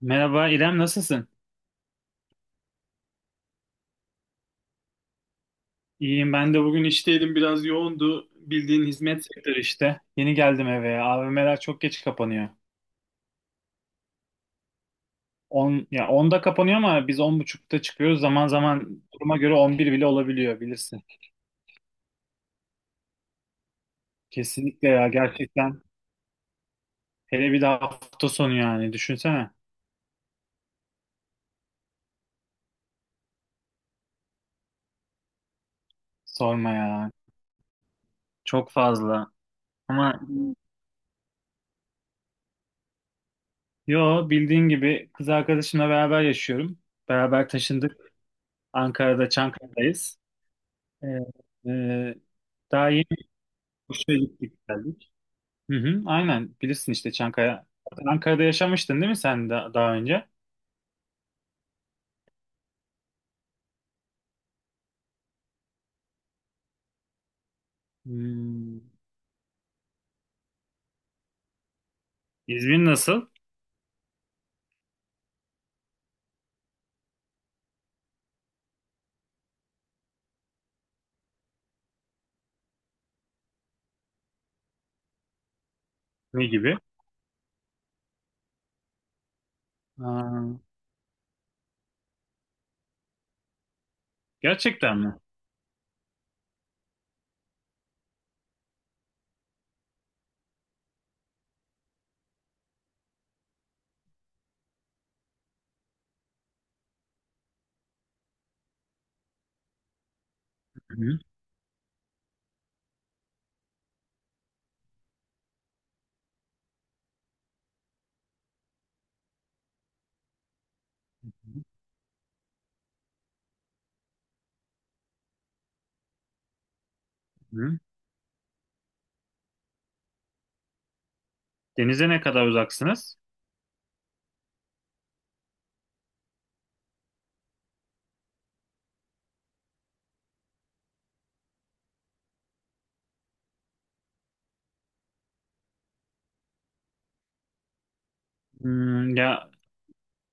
Merhaba İrem, nasılsın? İyiyim, ben de bugün işteydim, biraz yoğundu. Bildiğin hizmet sektörü işte. Yeni geldim eve. AVM'ler çok geç kapanıyor. 10 ya 10'da kapanıyor ama biz 10.30'da çıkıyoruz. Zaman zaman duruma göre 11 bile olabiliyor, bilirsin. Kesinlikle ya, gerçekten. Hele bir de hafta sonu, yani düşünsene. Sorma ya. Çok fazla. Ama yo, bildiğin gibi kız arkadaşımla beraber yaşıyorum. Beraber taşındık. Ankara'da, Çankaya'dayız. Ee, e, daha Kuşa gittik geldik. Hı hı, aynen, bilirsin işte Çankaya. Zaten Ankara'da yaşamıştın değil mi sen daha önce? Hmm, İzmir nasıl? Ne gibi? Aa, gerçekten mi? Hı hı, hı. Denize ne kadar uzaksınız? Ya,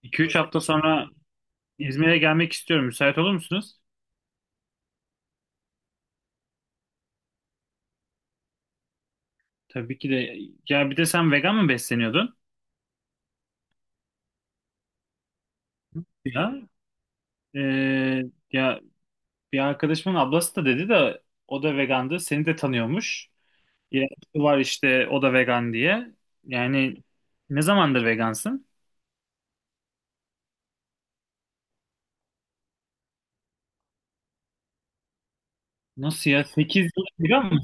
2-3 hafta sonra İzmir'e gelmek istiyorum. Müsait olur musunuz? Tabii ki de. Ya, bir de sen vegan mı besleniyordun? Ya, Ee, ya, bir arkadaşımın ablası da dedi de o da vegandı. Seni de tanıyormuş. İrem Su var işte, o da vegan diye. Yani ne zamandır vegansın? Nasıl ya? 8 yıl vegan mı?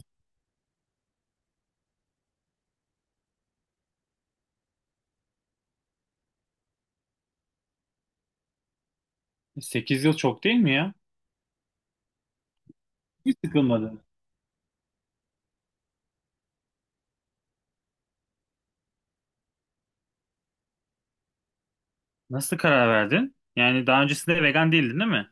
Sekiz yıl çok değil mi ya? Hiç sıkılmadın. Nasıl karar verdin? Yani daha öncesinde vegan değildin değil mi?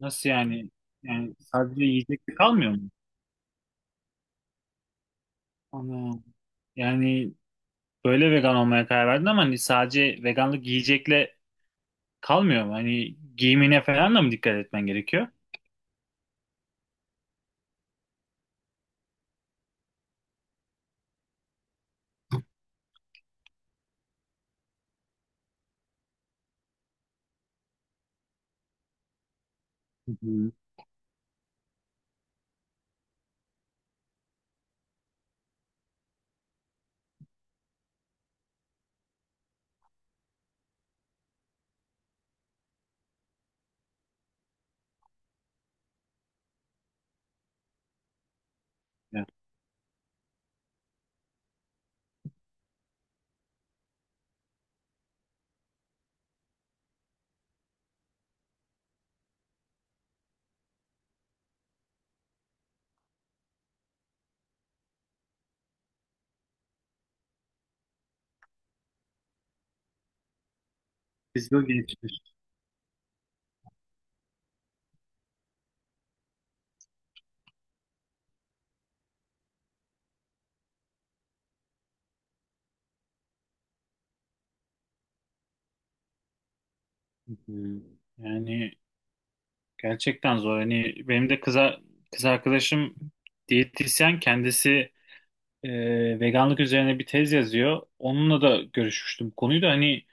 Nasıl yani? Yani sadece yiyecek kalmıyor mu? Ana. Yani böyle vegan olmaya karar verdin ama hani sadece veganlık yiyecekle kalmıyor mu? Hani giyimine falan da mı dikkat etmen gerekiyor? Hı hı. Ya, biz de o gençler. Hı hı. Yani gerçekten zor. Hani benim de kız arkadaşım diyetisyen kendisi, veganlık üzerine bir tez yazıyor. Onunla da görüşmüştüm. Bu konuyu da hani,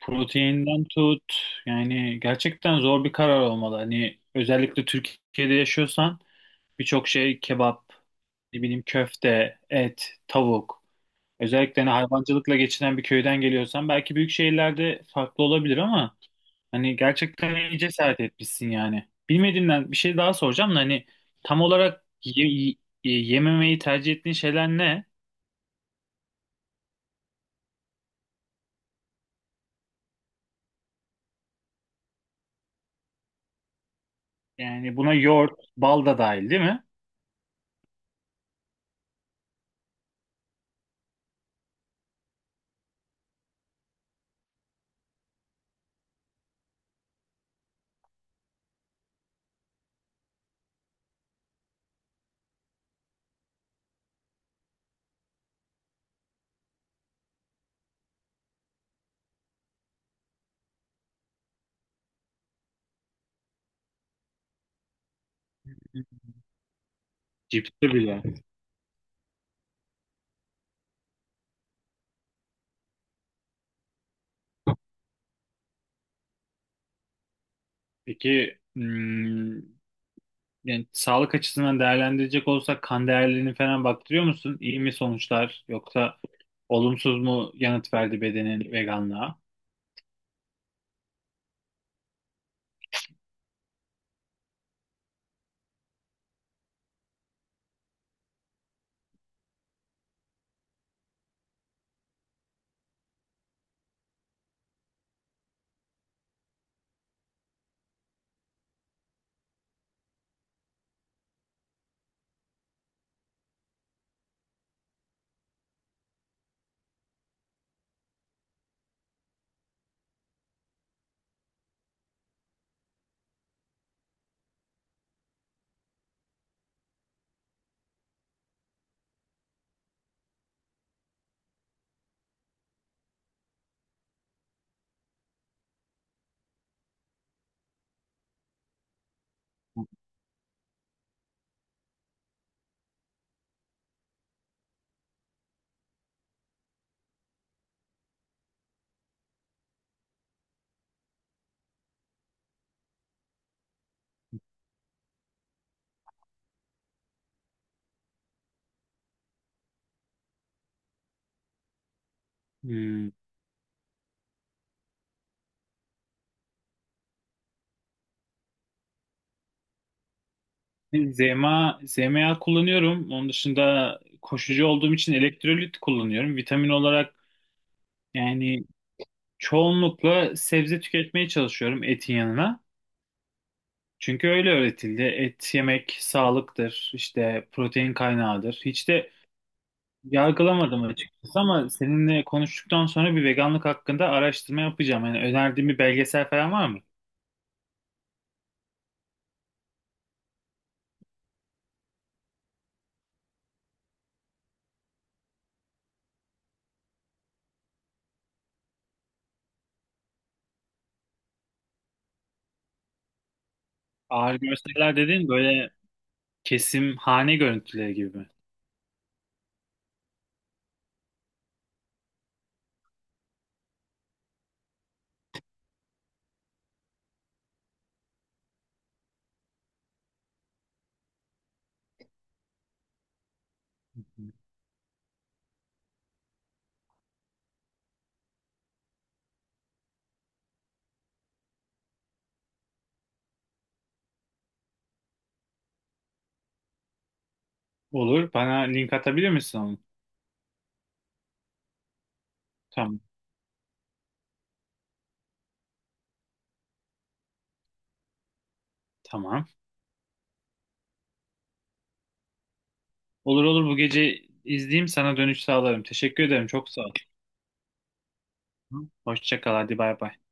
proteinden tut, yani gerçekten zor bir karar olmalı. Hani özellikle Türkiye'de yaşıyorsan birçok şey kebap, ne bileyim köfte, et, tavuk. Özellikle hani hayvancılıkla geçinen bir köyden geliyorsan belki büyük şehirlerde farklı olabilir ama hani gerçekten iyi cesaret etmişsin yani. Bilmediğimden bir şey daha soracağım da hani tam olarak yememeyi tercih ettiğin şeyler ne? Yani buna yoğurt, bal da dahil değil mi? Cipsi bile. Peki, yani sağlık açısından değerlendirecek olsak kan değerlerini falan baktırıyor musun? İyi mi sonuçlar, yoksa olumsuz mu yanıt verdi bedenin veganlığa? Hmm. ZMA, ZMA kullanıyorum. Onun dışında koşucu olduğum için elektrolit kullanıyorum. Vitamin olarak yani çoğunlukla sebze tüketmeye çalışıyorum etin yanına. Çünkü öyle öğretildi. Et yemek sağlıktır, işte protein kaynağıdır. Hiç de yargılamadım açıkçası ama seninle konuştuktan sonra bir veganlık hakkında araştırma yapacağım. Yani önerdiğin bir belgesel falan var mı? Ağır görseller dediğin böyle kesim hane görüntüleri gibi mi? Olur. Bana link atabilir misin onu? Tamam. Tamam. Olur olur, bu gece izleyeyim, sana dönüş sağlarım. Teşekkür ederim. Çok sağ ol. Hoşça kal. Hadi bay bay.